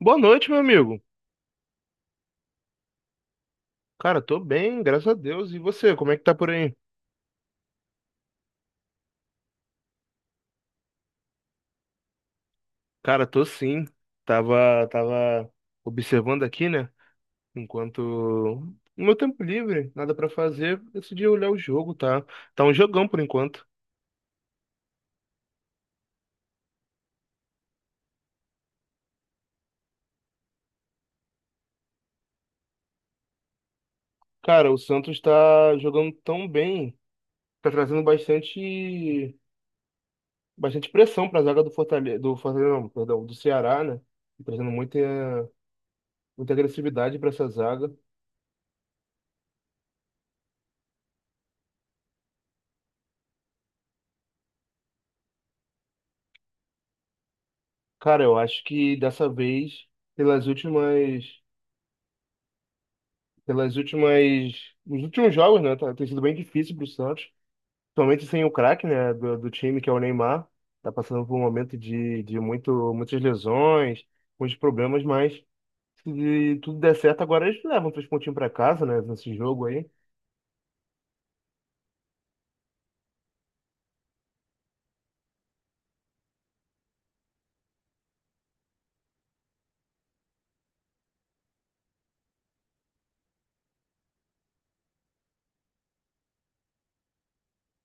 Boa noite, meu amigo. Cara, tô bem, graças a Deus. E você, como é que tá por aí? Cara, tô sim. Tava observando aqui, né? Enquanto no meu tempo livre, nada pra fazer, decidi olhar o jogo, tá? Tá um jogão por enquanto. Cara, o Santos tá jogando tão bem, tá trazendo bastante, bastante pressão pra zaga do Fortaleza, não, perdão, do Ceará, né? Tá trazendo muita, muita agressividade pra essa zaga. Cara, eu acho que dessa vez pelas últimas pelas últimas, os últimos jogos, né? Tá, tem sido bem difícil pro Santos, principalmente sem o craque, né, do time, que é o Neymar. Tá passando por um momento de muitas lesões, muitos problemas, mas se tudo der certo, agora eles levam três pontinhos para casa, né, nesse jogo aí.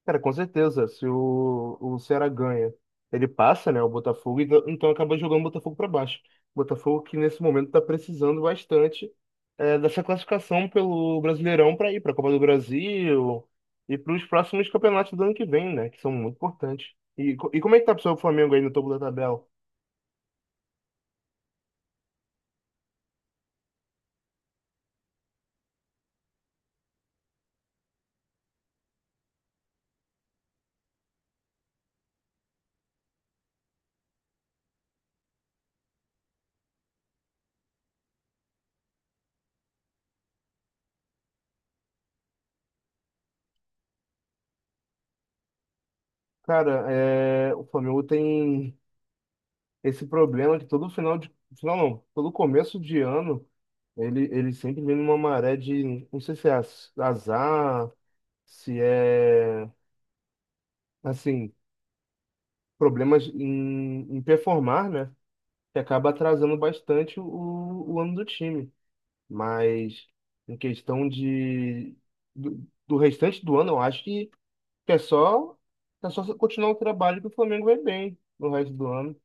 Cara, com certeza, se o Ceará ganha, ele passa, né, o Botafogo, e então acaba jogando o Botafogo para baixo. O Botafogo que nesse momento está precisando bastante dessa classificação pelo Brasileirão para ir para a Copa do Brasil e para os próximos campeonatos do ano que vem, né, que são muito importantes. E como é que tá pessoal, o Flamengo aí no topo da tabela? Cara, o Flamengo tem esse problema que todo final de. Final não, todo começo de ano, ele sempre vem numa maré de. Não sei se é azar, se é. Assim, problemas em performar, né? Que acaba atrasando bastante o ano do time. Mas, em questão de. Do restante do ano, eu acho que é só. É só continuar o trabalho que o Flamengo vai bem no resto do ano.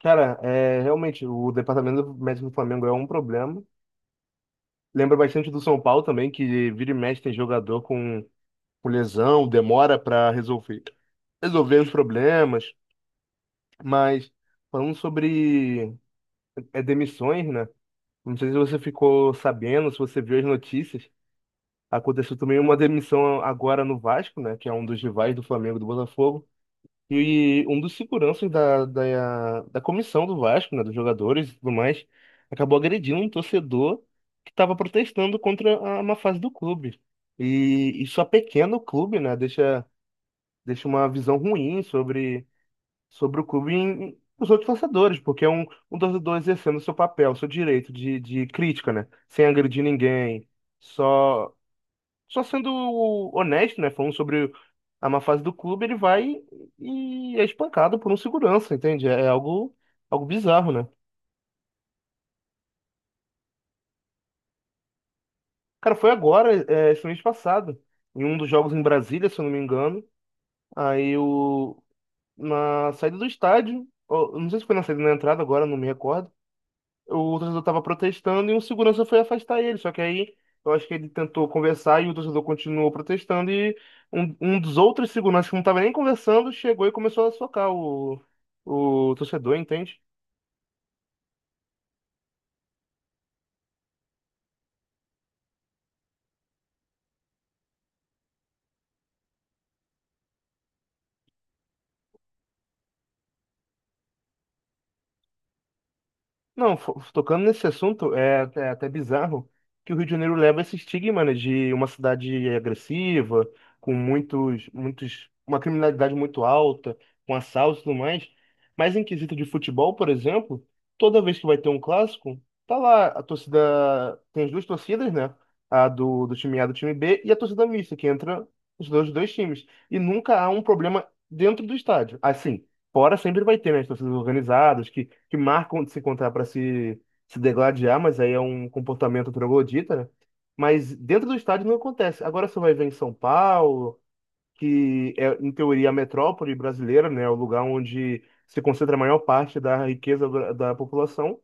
Cara, é, realmente, o departamento médico do Flamengo é um problema. Lembra bastante do São Paulo também, que vira e mexe tem jogador com lesão, demora para resolver, os problemas. Mas falando sobre demissões, né? Não sei se você ficou sabendo, se você viu as notícias. Aconteceu também uma demissão agora no Vasco, né? Que é um dos rivais do Flamengo e do Botafogo. E um dos seguranças da comissão do Vasco, né, dos jogadores e tudo mais, acabou agredindo um torcedor que estava protestando contra a má fase do clube. E isso é pequeno o clube, né, deixa uma visão ruim sobre o clube os outros torcedores, porque é um torcedor exercendo seu papel, seu direito de crítica, né, sem agredir ninguém, só só sendo honesto, né? Falando sobre a má fase do clube, ele vai e é espancado por um segurança, entende? É algo, algo bizarro, né? Cara, foi agora, é, esse mês passado, em um dos jogos em Brasília, se eu não me engano. Aí, na saída do estádio, ou, não sei se foi na saída ou na entrada, agora não me recordo. O torcedor estava protestando e um segurança foi afastar ele. Só que aí eu acho que ele tentou conversar e o torcedor continuou protestando e um dos outros seguranças que não estava nem conversando chegou e começou a socar o torcedor, entende? Não, tocando nesse assunto, é até bizarro que o Rio de Janeiro leva esse estigma, né, de uma cidade agressiva, com uma criminalidade muito alta, com assaltos e tudo mais. Mas em quesito de futebol, por exemplo, toda vez que vai ter um clássico, tá lá a torcida, tem as duas torcidas, né, a do time A e do time B e a torcida mista, que entra os dois times. E nunca há um problema dentro do estádio. Assim, fora sempre vai ter, né, as torcidas organizadas que marcam de se encontrar para se, se degladiar, mas aí é um comportamento troglodita, né? Mas dentro do estádio não acontece. Agora você vai ver em São Paulo, que é, em teoria, a metrópole brasileira, né, é o lugar onde se concentra a maior parte da riqueza da população.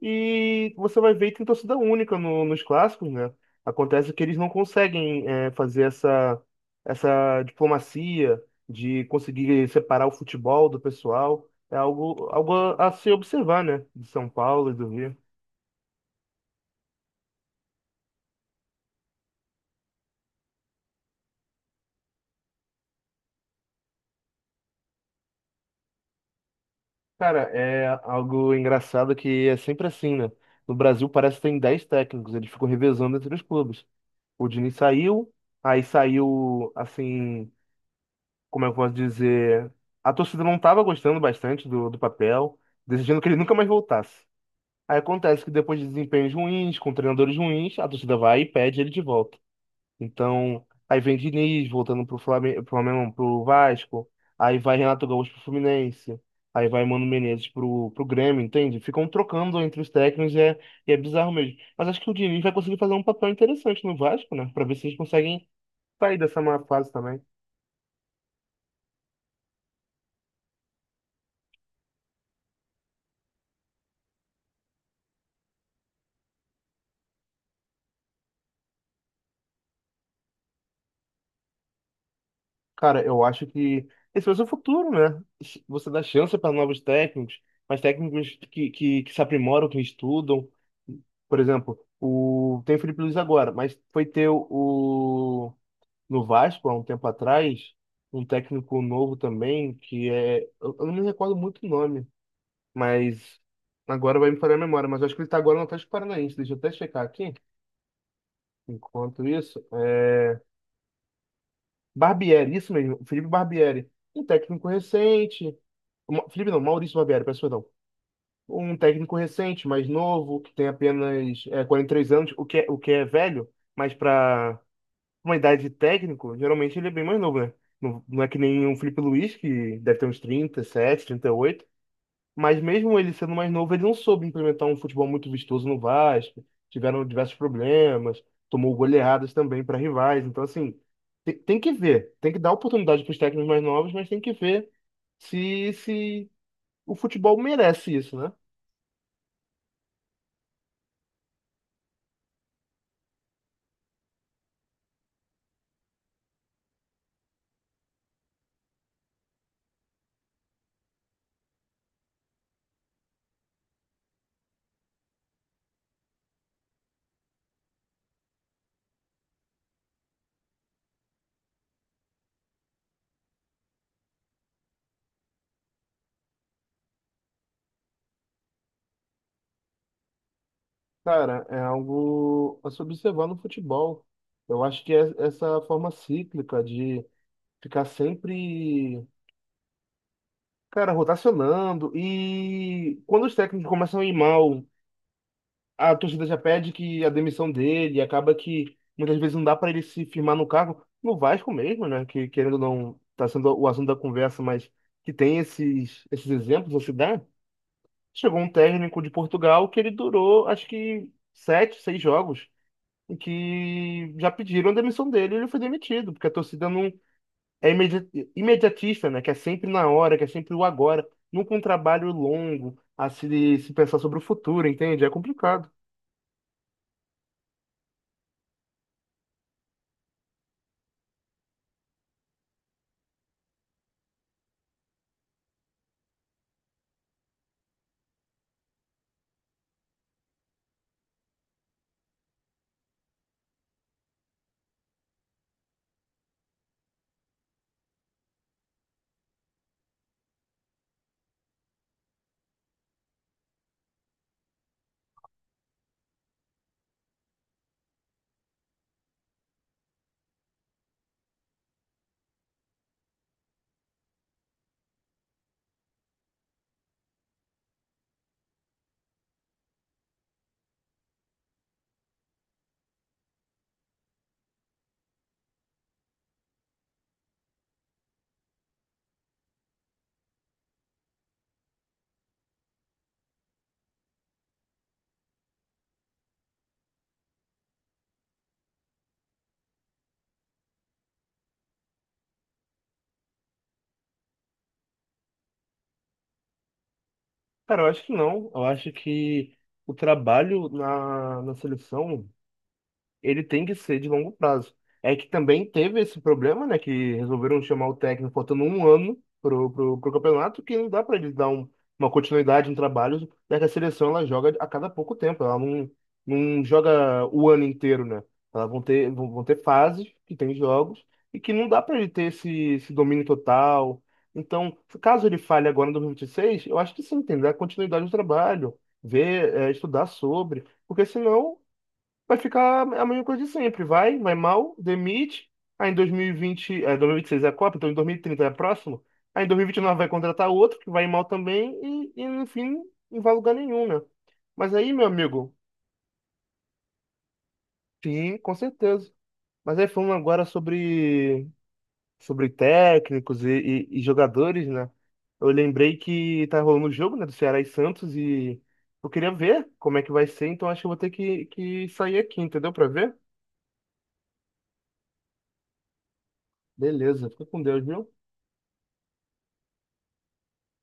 E você vai ver que tem torcida única nos clássicos, né? Acontece que eles não conseguem fazer essa diplomacia de conseguir separar o futebol do pessoal. É algo, algo a se observar, né? De São Paulo e do Rio. Cara, é algo engraçado que é sempre assim, né? No Brasil parece que tem 10 técnicos, eles ficam revezando entre os clubes. O Diniz saiu, aí saiu, assim. Como é que eu posso dizer? A torcida não estava gostando bastante do papel, decidindo que ele nunca mais voltasse. Aí acontece que depois de desempenhos ruins, com treinadores ruins, a torcida vai e pede ele de volta. Então, aí vem Diniz voltando pro Flamengo, não, pro Vasco, aí vai Renato Gaúcho pro Fluminense, aí vai Mano Menezes pro Grêmio, entende? Ficam trocando entre os técnicos e é bizarro mesmo. Mas acho que o Diniz vai conseguir fazer um papel interessante no Vasco, né? Pra ver se eles conseguem sair dessa má fase também. Cara, eu acho que esse vai ser o futuro, né? Você dá chance para novos técnicos, mas técnicos que se aprimoram, que estudam. Por exemplo, tem o Felipe Luiz agora, mas foi ter no Vasco há um tempo atrás, um técnico novo também, que é. Eu não me recordo muito o nome, mas agora vai me falhar a memória, mas eu acho que ele está agora no Atlético Paranaense. Deixa eu até checar aqui. Enquanto isso, Barbieri, isso mesmo, Felipe Barbieri. Um técnico recente. Felipe não, Maurício Barbieri, peço perdão. Um técnico recente, mais novo, que tem apenas 43 anos, o que é velho, mas para uma idade de técnico, geralmente ele é bem mais novo, né? Não, não é que nem o Felipe Luiz, que deve ter uns trinta, trinta sete, trinta e oito. Mas mesmo ele sendo mais novo, ele não soube implementar um futebol muito vistoso no Vasco. Tiveram diversos problemas, tomou goleadas também para rivais. Então, assim, tem que ver. Tem que dar oportunidade para os técnicos mais novos, mas tem que ver se o futebol merece isso, né? Cara, é algo a se observar no futebol. Eu acho que é essa forma cíclica de ficar sempre, cara, rotacionando. E quando os técnicos começam a ir mal, a torcida já pede que a demissão dele, acaba que muitas vezes não dá para ele se firmar no cargo, no Vasco mesmo, né? Que querendo ou não, tá sendo o assunto da conversa, mas que tem esses exemplos a se dar. Chegou um técnico de Portugal que ele durou, acho que sete, seis jogos, em que já pediram a demissão dele e ele foi demitido, porque a torcida não é imedi- imediatista, né? Que é sempre na hora, que é sempre o agora, nunca um trabalho longo a se pensar sobre o futuro, entende? É complicado. Cara, eu acho que não. Eu acho que o trabalho na seleção ele tem que ser de longo prazo. É que também teve esse problema, né? Que resolveram chamar o técnico faltando um ano pro campeonato, que não dá para ele dar uma continuidade em trabalhos, já que a seleção ela joga a cada pouco tempo, ela não joga o ano inteiro, né? Elas vão ter, vão ter fases que tem jogos e que não dá para ele ter esse domínio total. Então, caso ele falhe agora em 2026, eu acho que sim, tem que dar continuidade ao trabalho, ver, estudar sobre. Porque senão vai ficar a mesma coisa de sempre. Vai, vai mal, demite. Aí em 2026 é a Copa, então em 2030 é a próxima. Aí em 2029 vai contratar outro que vai mal também e enfim, não vai a lugar nenhum, né? Mas aí, meu amigo, sim, com certeza. Mas aí falando agora sobre técnicos e jogadores, né? Eu lembrei que tá rolando o jogo, né, do Ceará e Santos e eu queria ver como é que vai ser, então acho que eu vou ter que sair aqui, entendeu? Pra ver? Beleza, fica com Deus, viu?